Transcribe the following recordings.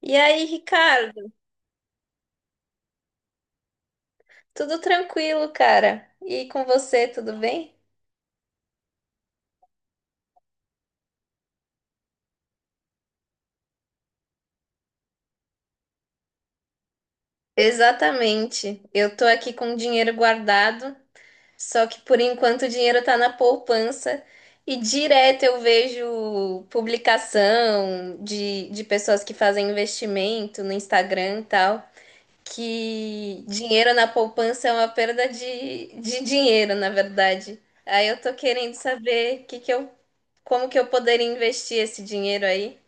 E aí, Ricardo? Tudo tranquilo, cara? E com você, tudo bem? Exatamente. Eu tô aqui com o dinheiro guardado, só que por enquanto o dinheiro tá na poupança e direto eu vejo publicação de pessoas que fazem investimento no Instagram e tal, que dinheiro na poupança é uma perda de dinheiro, na verdade. Aí eu tô querendo saber como que eu poderia investir esse dinheiro aí.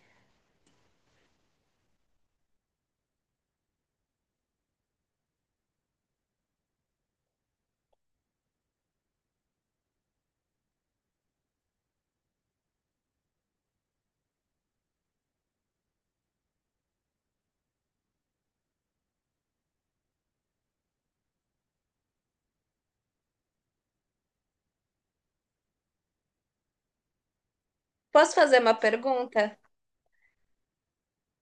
Posso fazer uma pergunta?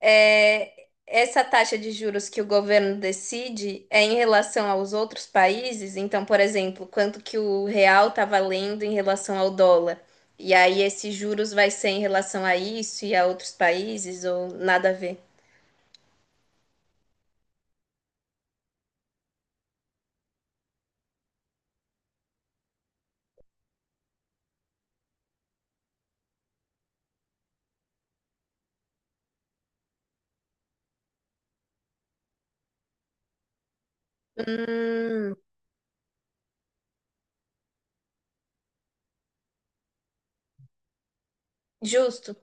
É, essa taxa de juros que o governo decide é em relação aos outros países? Então, por exemplo, quanto que o real está valendo em relação ao dólar? E aí, esses juros vai ser em relação a isso e a outros países ou nada a ver? Hum, justo.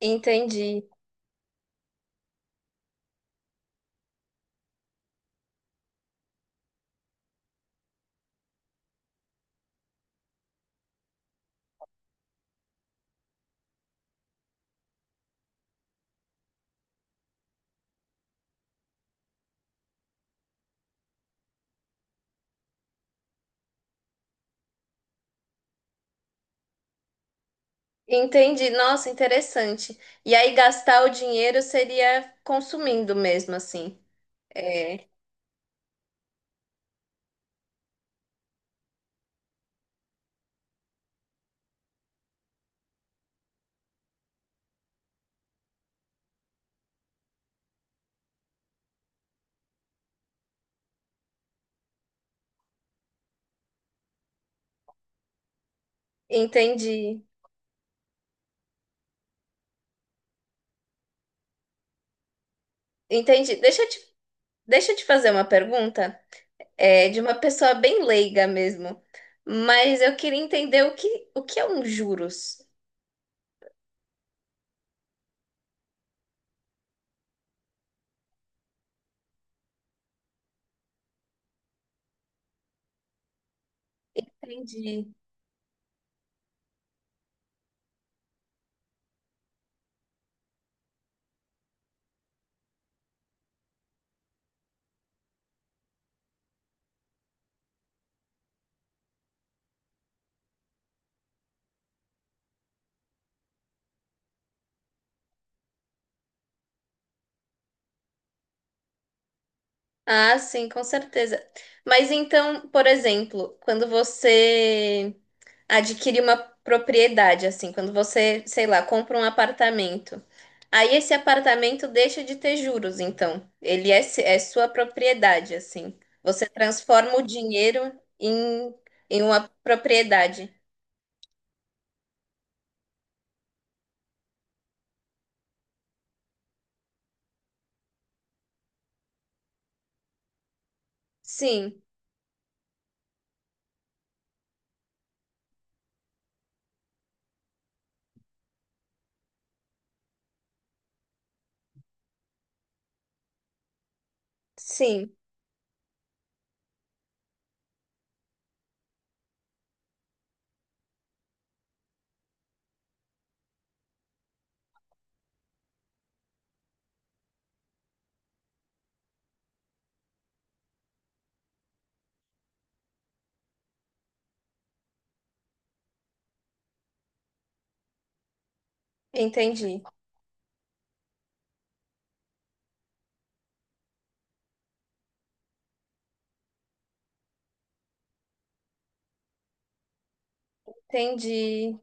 Entendi. Entendi. Nossa, interessante. E aí, gastar o dinheiro seria consumindo mesmo, assim. É, entendi. Entendi. Deixa eu te fazer uma pergunta, é, de uma pessoa bem leiga mesmo, mas eu queria entender o que é um juros. Entendi. Ah, sim, com certeza. Mas então, por exemplo, quando você adquire uma propriedade, assim, quando você, sei lá, compra um apartamento, aí esse apartamento deixa de ter juros, então. Ele é, se- é sua propriedade, assim. Você transforma o dinheiro em, em uma propriedade. Sim. Sim, entendi. Entendi.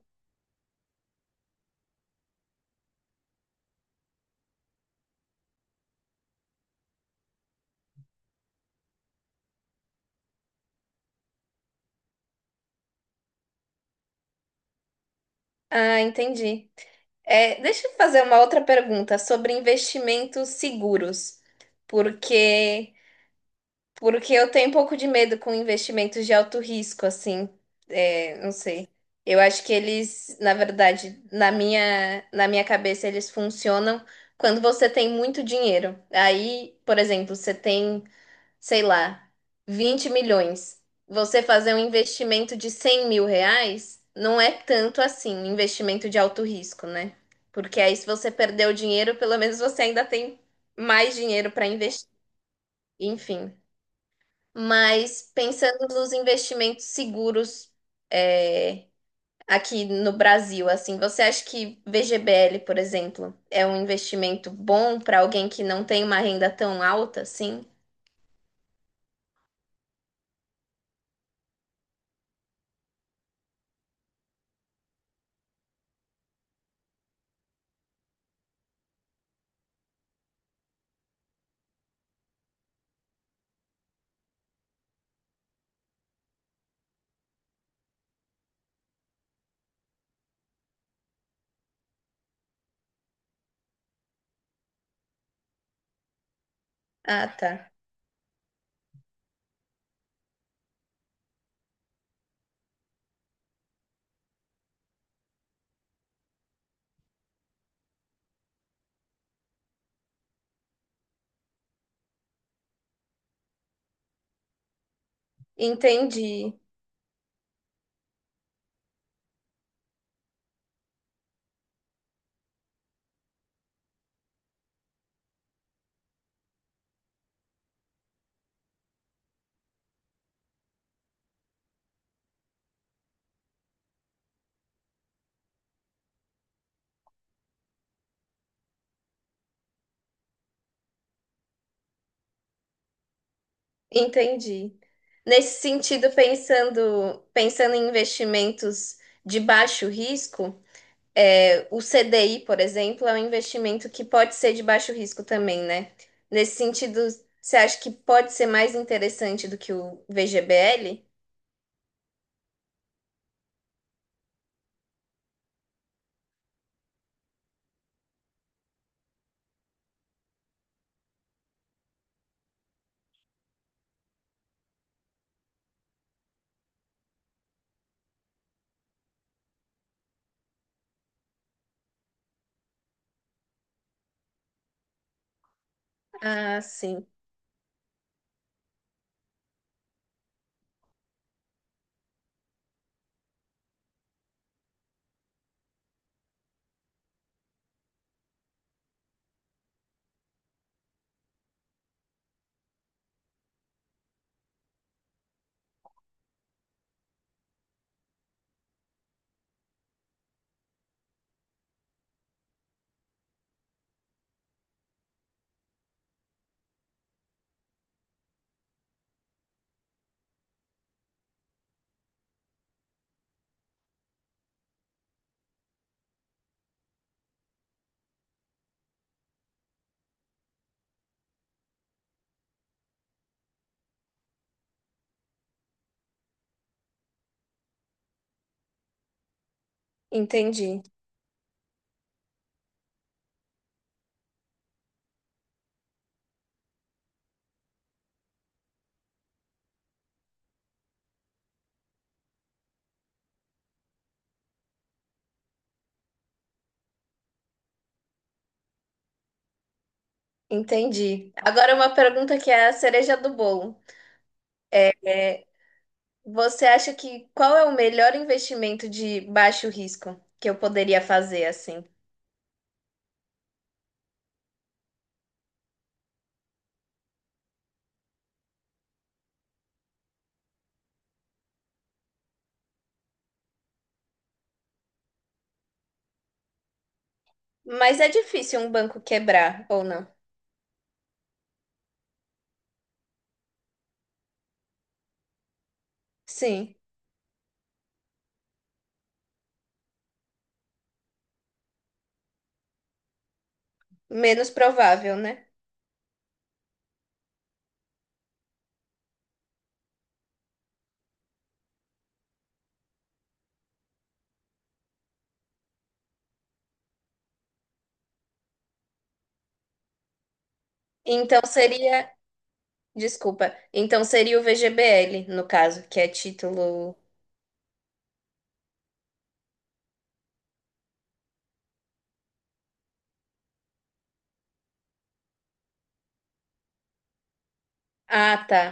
Ah, entendi. É, deixa eu fazer uma outra pergunta sobre investimentos seguros, porque porque eu tenho um pouco de medo com investimentos de alto risco, assim, é, não sei. Eu acho que eles, na verdade, na minha cabeça eles funcionam quando você tem muito dinheiro. Aí, por exemplo, você tem sei lá, 20 milhões, você fazer um investimento de R$ 100 mil não é tanto assim, investimento de alto risco, né? Porque aí, se você perdeu o dinheiro, pelo menos você ainda tem mais dinheiro para investir. Enfim. Mas pensando nos investimentos seguros, é, aqui no Brasil, assim, você acha que VGBL, por exemplo, é um investimento bom para alguém que não tem uma renda tão alta assim? Ah, tá. Entendi. Entendi. Nesse sentido, pensando em investimentos de baixo risco, é, o CDI, por exemplo, é um investimento que pode ser de baixo risco também, né? Nesse sentido, você acha que pode ser mais interessante do que o VGBL? Ah, sim. Entendi. Entendi. Agora uma pergunta que é a cereja do bolo. É, você acha que qual é o melhor investimento de baixo risco que eu poderia fazer assim? Mas é difícil um banco quebrar, ou não? Sim, menos provável, né? Então seria, desculpa, então seria o VGBL, no caso, que é título. Ah, tá.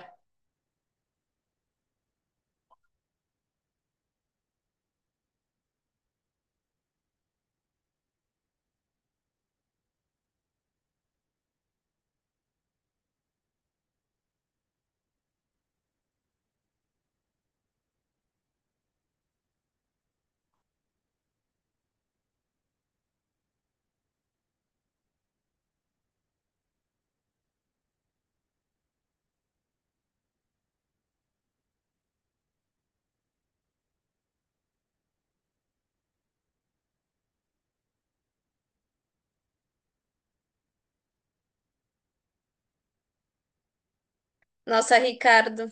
Nossa, Ricardo,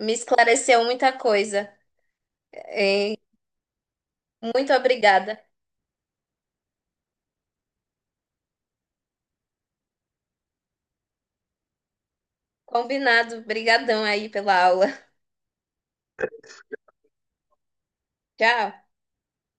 me esclareceu muita coisa. Hein? Muito obrigada. Combinado. Brigadão aí pela aula. Tchau.